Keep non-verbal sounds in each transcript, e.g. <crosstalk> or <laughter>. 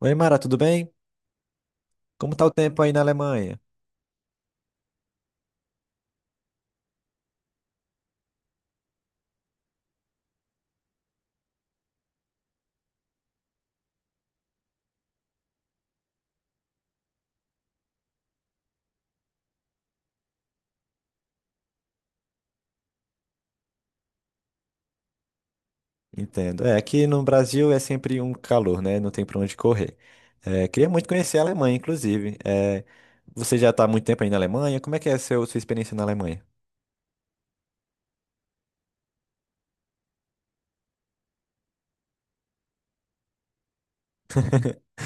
Oi, Mara, tudo bem? Como tá o tempo aí na Alemanha? Entendo. É, aqui no Brasil é sempre um calor, né? Não tem pra onde correr. É, queria muito conhecer a Alemanha, inclusive. É, você já tá há muito tempo aí na Alemanha? Como é que é a sua experiência na Alemanha? <laughs>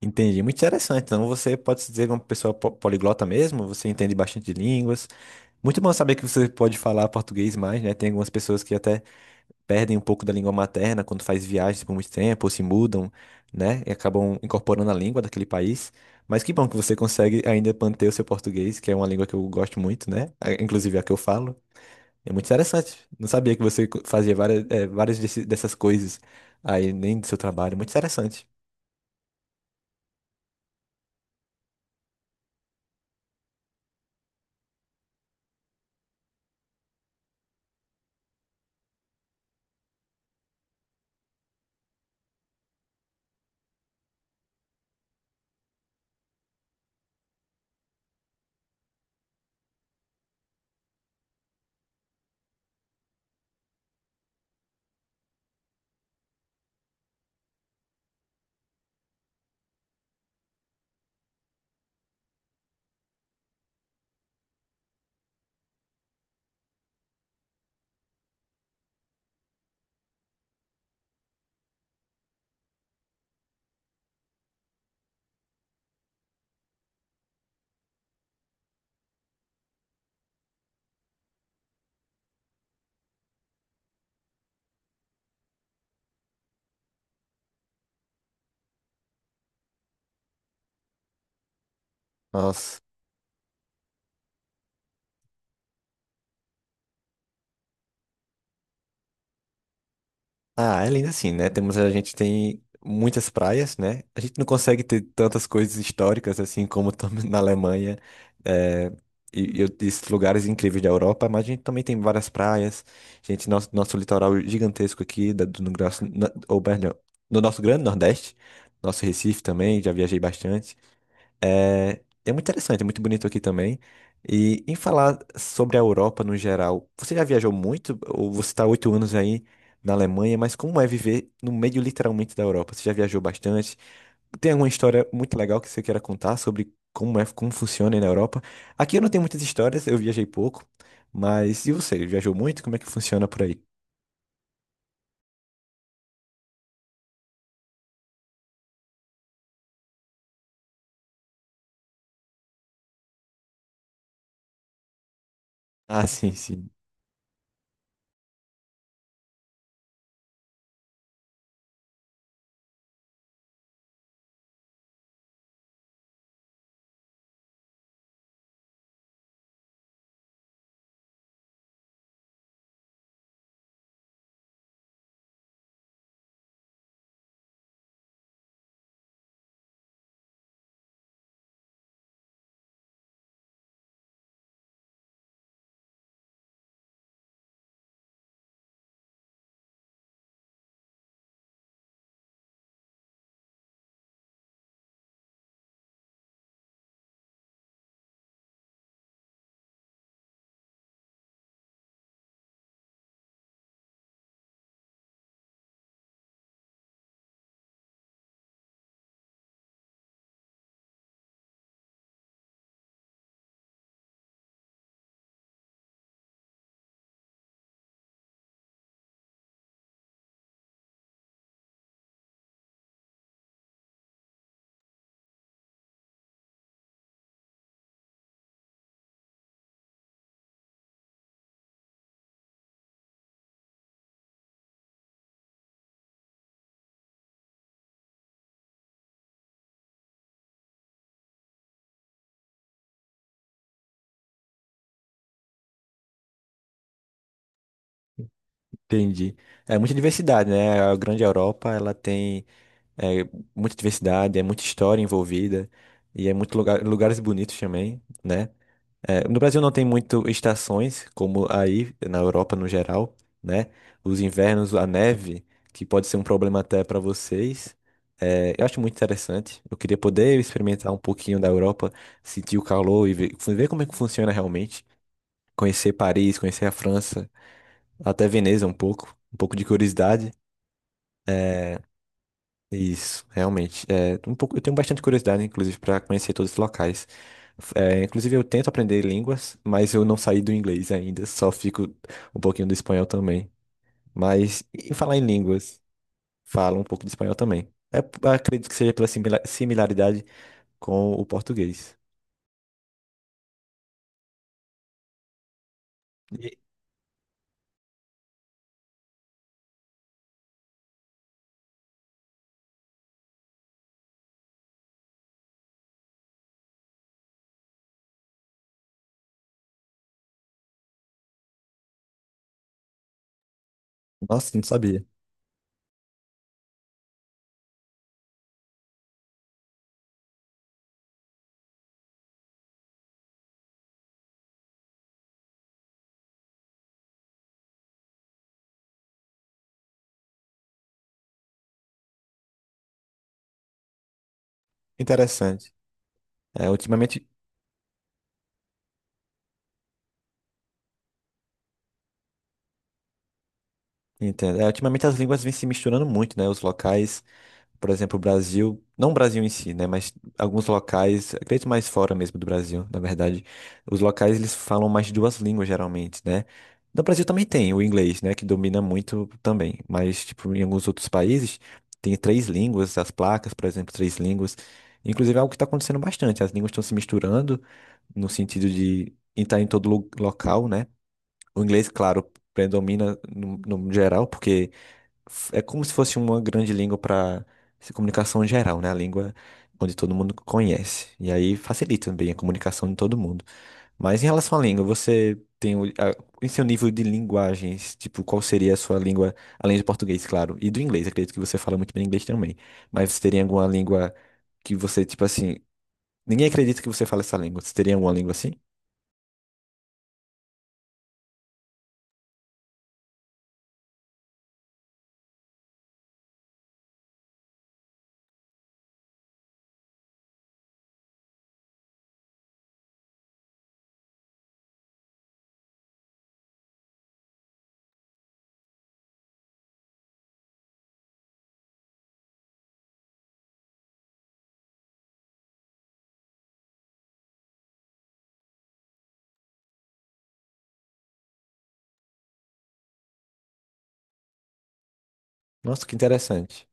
Entendi, muito interessante. Então você pode se dizer uma pessoa poliglota mesmo? Você entende bastante de línguas. Muito bom saber que você pode falar português mais, né? Tem algumas pessoas que até perdem um pouco da língua materna quando faz viagens por muito tempo, ou se mudam, né? E acabam incorporando a língua daquele país. Mas que bom que você consegue ainda manter o seu português, que é uma língua que eu gosto muito, né? Inclusive a que eu falo. É muito interessante. Não sabia que você fazia várias, várias dessas coisas aí, nem do seu trabalho. Muito interessante. Nossa. Ah, é lindo assim, né? Temos, a gente tem muitas praias, né? A gente não consegue ter tantas coisas históricas assim como <laughs> na Alemanha eh, e esses lugares incríveis da Europa, mas a gente também tem várias praias. Gente, nosso litoral gigantesco aqui, da, do, no, graço- na- ou, perdão, no nosso Grande Nordeste, nosso Recife também, já viajei bastante. É muito interessante, é muito bonito aqui também. E em falar sobre a Europa no geral, você já viajou muito? Ou você está 8 anos aí na Alemanha, mas como é viver no meio literalmente da Europa? Você já viajou bastante? Tem alguma história muito legal que você queira contar sobre como é, como funciona aí na Europa? Aqui eu não tenho muitas histórias, eu viajei pouco, mas e você? Viajou muito? Como é que funciona por aí? Ah, sim, sim, entendi. É muita diversidade, né? A grande Europa, ela tem é muita diversidade, é muita história envolvida e é muito lugar, lugares bonitos também, né? É, no Brasil não tem muito estações, como aí na Europa no geral, né? Os invernos, a neve, que pode ser um problema até para vocês. É, eu acho muito interessante. Eu queria poder experimentar um pouquinho da Europa, sentir o calor e ver como é que funciona realmente. Conhecer Paris, conhecer a França, até Veneza um pouco de curiosidade. Isso, realmente. É, um pouco, eu tenho bastante curiosidade, inclusive, para conhecer todos os locais. É, inclusive, eu tento aprender línguas, mas eu não saí do inglês ainda, só fico um pouquinho do espanhol também. Mas, e falar em línguas, falo um pouco de espanhol também. É, acredito que seja pela similaridade com o português. E- nossa, não sabia. Interessante. É, ultimamente, entendo. É, ultimamente as línguas vêm se misturando muito, né? Os locais. Por exemplo, o Brasil, não o Brasil em si, né, mas alguns locais, acredito mais fora mesmo do Brasil, na verdade, os locais eles falam mais de duas línguas geralmente, né? No Brasil também tem o inglês, né, que domina muito também, mas tipo em alguns outros países tem três línguas, as placas, por exemplo, três línguas. Inclusive é algo que está acontecendo bastante, as línguas estão se misturando no sentido de estar em todo local, né? O inglês, claro, predomina no geral, porque é como se fosse uma grande língua para comunicação geral, né? A língua onde todo mundo conhece. E aí facilita também a comunicação de todo mundo. Mas em relação à língua, você tem em seu nível de linguagens, tipo, qual seria a sua língua, além do português, claro, e do inglês, acredito que você fala muito bem inglês também. Mas você teria alguma língua que você, tipo assim, ninguém acredita que você fala essa língua. Você teria alguma língua assim? Nossa, que interessante.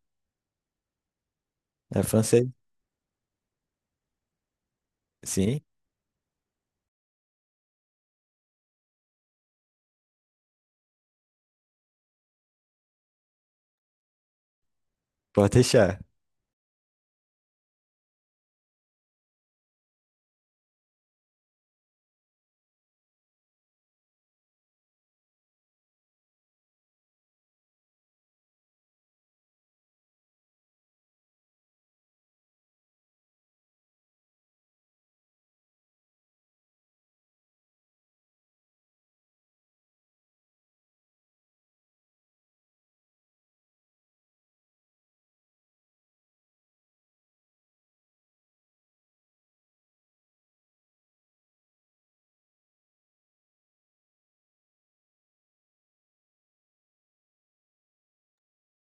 É francês? Sim, pode deixar.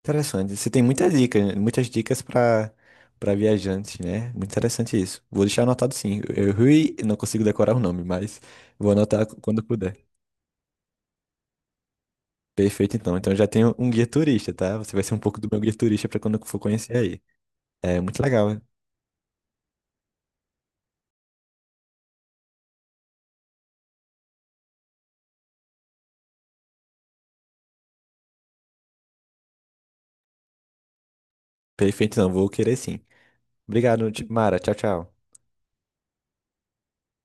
Interessante. Você tem muitas dicas para viajantes, né? Muito interessante isso. Vou deixar anotado sim. Eu Rui, não consigo decorar o nome, mas vou anotar quando puder. Perfeito, então. Então eu já tenho um guia turista, tá? Você vai ser um pouco do meu guia turista para quando eu for conhecer aí. É muito legal, né? Perfeito, não. Vou querer sim. Obrigado, Mara. Tchau, tchau.